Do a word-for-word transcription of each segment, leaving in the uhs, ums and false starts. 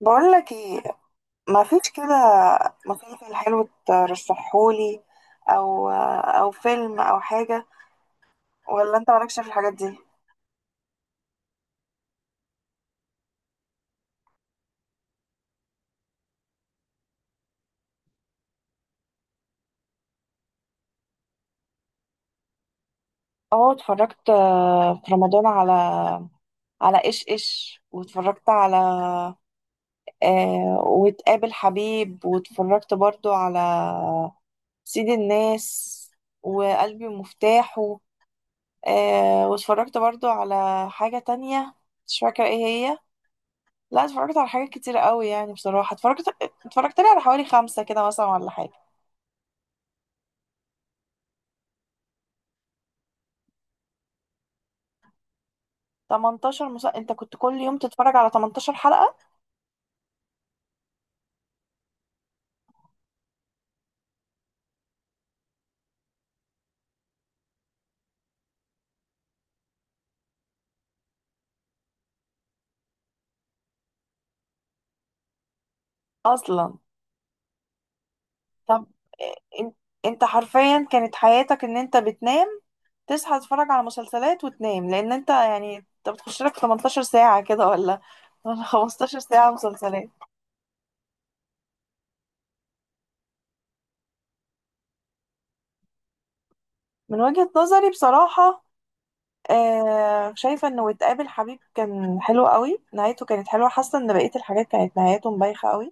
بقول لك ايه؟ ما فيش كده مسلسل حلو ترشحهولي، او او فيلم او حاجه؟ ولا انت مالكش في الحاجات دي؟ اه اتفرجت آه، في رمضان على على ايش ايش، واتفرجت على آه وتقابل حبيب، واتفرجت برضو على سيد الناس وقلبي ومفتاحه. آه واتفرجت برضو على حاجة تانية، مش فاكرة ايه هي. لا اتفرجت على حاجات كتير قوي، يعني بصراحة اتفرجت اتفرجت لي على حوالي خمسة كده مثلا ولا حاجة. تمنتاشر مسلسل؟ انت كنت كل يوم تتفرج على تمنتاشر حلقة؟ اصلا؟ طب ان- انت حرفيا كانت حياتك ان انت بتنام، تصحى تتفرج على مسلسلات وتنام، لان انت يعني انت بتخش لك تمنتاشر ساعة كده ولا ولا خمستاشر ساعة مسلسلات؟ من وجهة نظري بصراحة، آه شايفة انه وتقابل حبيب كان حلو قوي، نهايته كانت حلوة. حاسة ان بقية الحاجات كانت نهايته مبايخة قوي.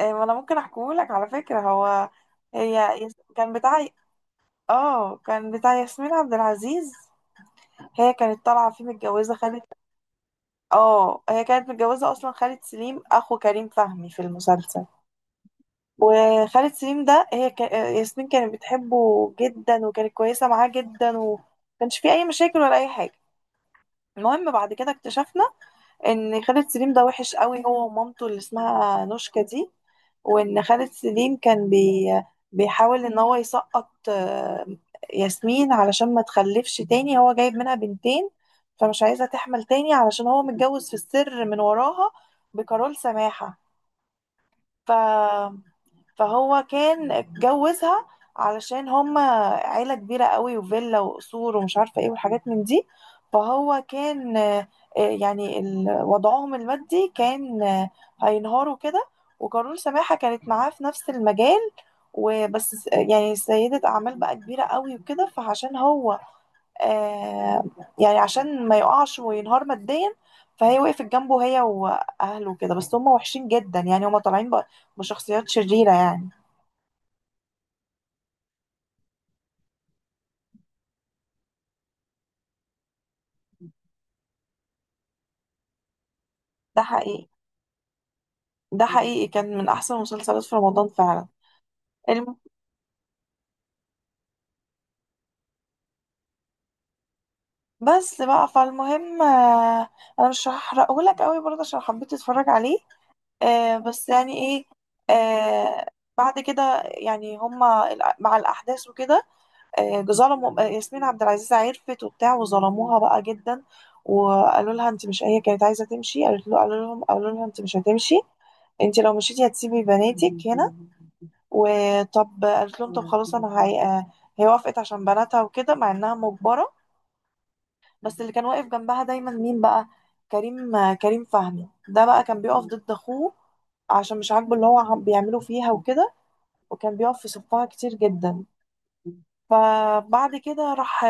إيه، ما انا ممكن احكيهولك على فكرة. هو هي يس- كان بتاع، اه كان بتاع ياسمين عبد العزيز. هي كانت طالعة فيه متجوزة خالد. اه هي كانت متجوزة اصلا خالد سليم، اخو كريم فهمي في المسلسل. وخالد سليم ده هي ك... آه، ياسمين كانت بتحبه جدا، وكانت كويسة معاه جدا، ومكانش فيه اي مشاكل ولا اي حاجة. المهم بعد كده اكتشفنا ان خالد سليم ده وحش قوي هو ومامته اللي اسمها نوشكا دي. وان خالد سليم كان بي بيحاول ان هو يسقط آه، ياسمين علشان ما تخلفش تاني، هو جايب منها بنتين، فمش عايزة تحمل تاني، علشان هو متجوز في السر من وراها بكارول سماحة. ف فهو كان اتجوزها علشان هما عيلة كبيرة قوي وفيلا وقصور ومش عارفة ايه والحاجات من دي. فهو كان آه، آه، يعني ال- وضعهم المادي كان آه، هينهاروا كده. وكارول سماحة كانت معاه في نفس المجال، وبس س- يعني سيدة أعمال بقى كبيرة قوي وكده، فعشان هو آه يعني عشان ما يقعش وينهار ماديا، فهي وقفت جنبه هي وأهله كده. بس هم وحشين جدا، يعني هم طالعين ب- بشخصيات شريرة يعني. ده حقيقي، ده حقيقي كان من احسن المسلسلات في رمضان فعلا. الم... بس بقى فالمهم آه، انا مش هحرقه لك قوي برضه عشان حبيت اتفرج عليه. آه، بس يعني ايه، آه، بعد كده يعني هما الأ- مع الاحداث وكده آه، ظلموا آه، ياسمين عبد العزيز، عرفت وبتاع وظلموها بقى جدا. وقالوا لها انت مش، هي كانت عايزه تمشي، قالت له قالوا لهم قالوا لها انت مش هتمشي، انت لو مشيتي هتسيبي بناتك هنا. وطب قالت لهم طب خلاص، انا هي... آه، هي وافقت عشان بناتها وكده مع انها مجبره. بس اللي كان واقف جنبها دايما مين بقى؟ كريم، آه، كريم فهمي ده بقى، كان بيقف ضد اخوه عشان مش عاجبه اللي هو عم- بيعمله فيها وكده، وكان بيقف في صفها كتير جدا. فبعد كده راح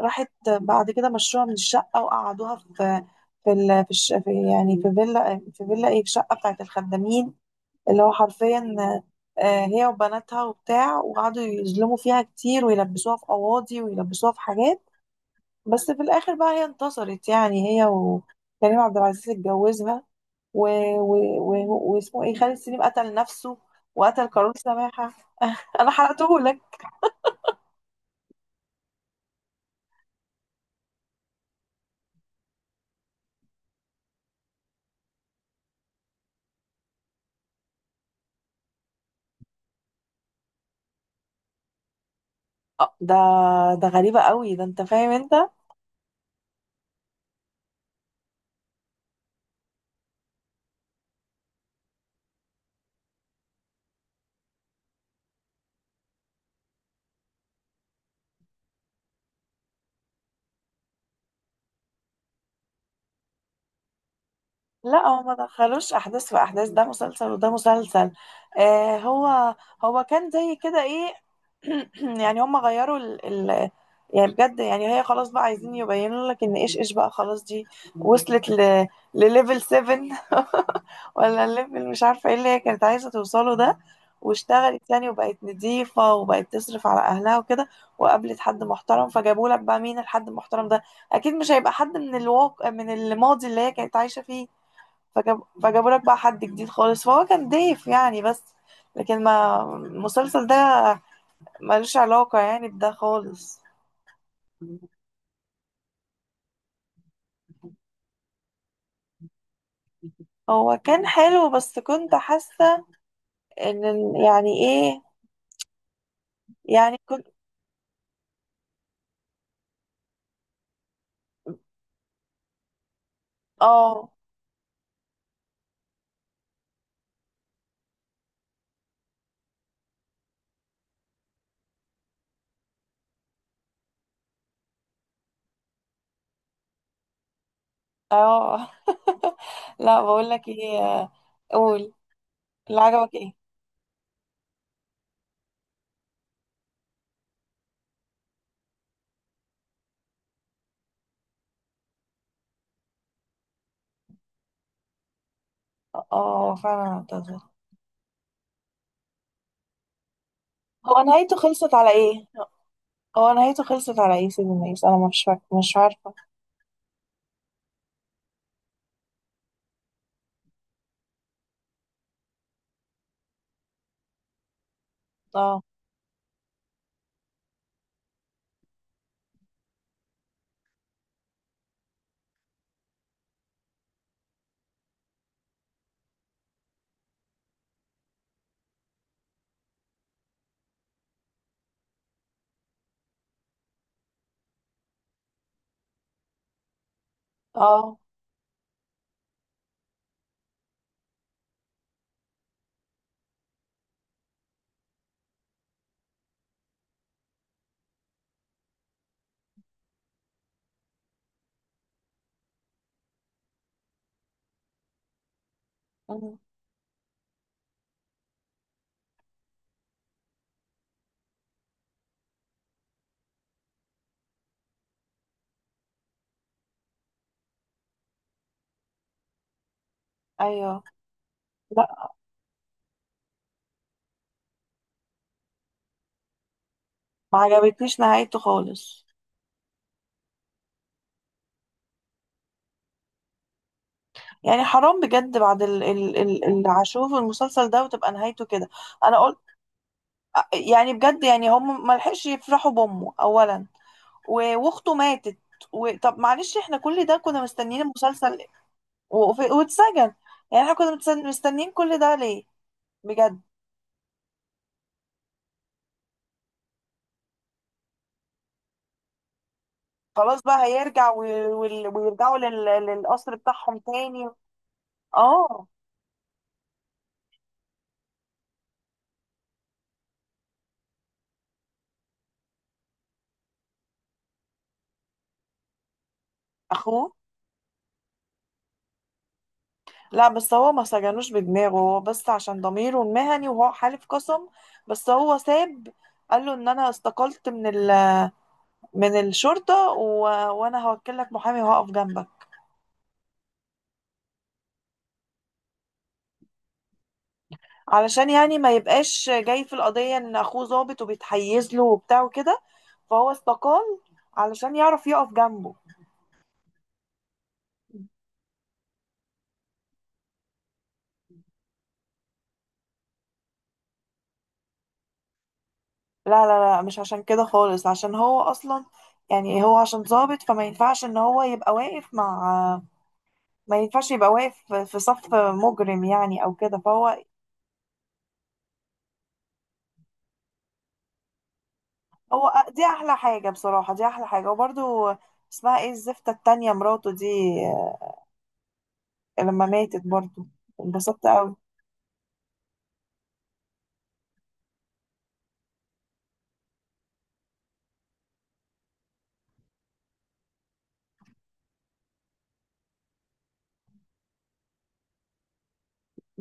راحت بعد كده، مشوها من الشقة وقعدوها في في ال... في, الش... في يعني في فيلا في فيلا ايه في شقة بتاعت الخدامين، اللي هو حرفيا آه، هي وبناتها وبتاع. وقعدوا يظلموا فيها كتير، ويلبسوها في قواضي، ويلبسوها في حاجات. بس في الآخر بقى هي انتصرت، يعني هي وكريم عبد العزيز اتجوزها. و... و... و... واسمه ايه خالد سليم قتل نفسه وقتل قارون سماحة. أنا حرقته لك. آه، ده ده غريبة قوي، ده انت فاهم انت. لا هو ما دخلوش احداث في احداث، ده مسلسل وده مسلسل. آه، هو هو كان زي كده ايه. يعني هم غيروا ال ال يعني بجد، يعني هي خلاص بقى عايزين يبينوا لك ان ايش ايش بقى خلاص دي وصلت ل لليفل سبعة ولا الليفل مش عارفه ايه اللي هي كانت عايزه توصله ده. واشتغلت يعني، وبقت نضيفة، وبقت تصرف على أهلها وكده. وقابلت حد محترم، فجابوا لك بقى مين الحد المحترم ده؟ أكيد مش هيبقى حد من الواقع من الماضي اللي هي كانت عايشة فيه. فجاب فجابوا لك بقى حد جديد خالص، فهو كان ضيف يعني. بس لكن ما المسلسل ده ملوش علاقة يعني بده خالص. هو كان حلو، بس كنت حاسة ان ال- يعني ايه، يعني كنت. اه. اه. لا بقول لك ايه آه، قول. اللي عجبك ايه؟ اه فعلا اعتذر. هو نهايته خلصت على ايه؟ هو نهايته خلصت على ايه سيدي الناس؟ انا مش فاك... مش عارفة. اه. اه. مم. ايوه. لا، ما عجبتنيش نهايته خالص. يعني حرام بجد، بعد ال ال ال اللي هشوف المسلسل ده وتبقى نهايته كده. انا قلت، يعني بجد، يعني هم ما لحقش يفرحوا بامه اولا، و- واخته ماتت، و... طب معلش احنا كل ده كنا مستنيين المسلسل، و... وف- واتسجن. يعني احنا كنا متس- مستنيين كل ده ليه؟ بجد. خلاص بقى هيرجع وي- وي- ويرجعوا لل- للقصر بتاعهم تاني. اه. اخوه. لا بس هو ما سجنوش بدماغه هو، بس عشان ضميره المهني وهو حالف قسم. بس هو ساب، قال له ان انا استقلت من ال... من الشرطة، و... وانا هوكل لك محامي وهقف جنبك. علشان يعني ما يبقاش جاي في القضية ان اخوه ظابط وبيتحيز له وبتاع وكده، فهو استقال علشان يعرف يقف جنبه. لا لا لا، مش عشان كده خالص، عشان هو اصلا يعني هو عشان ضابط فما ينفعش ان هو يبقى واقف مع، ما ينفعش يبقى واقف في في صف مجرم يعني او كده فهو. هو أ- دي احلى حاجة بصراحة، دي احلى حاجة. وبرضو اسمها ايه الزفتة التانية مراته دي، لما ماتت برضو انبسطت قوي.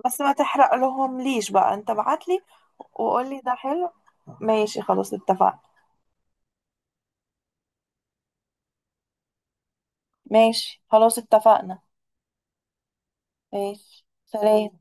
بس ما تحرق لهم ليش بقى، انت بعتلي وقولي ده حلو. ماشي خلاص اتفقنا. ماشي خلاص اتفقنا. ماشي، سلام.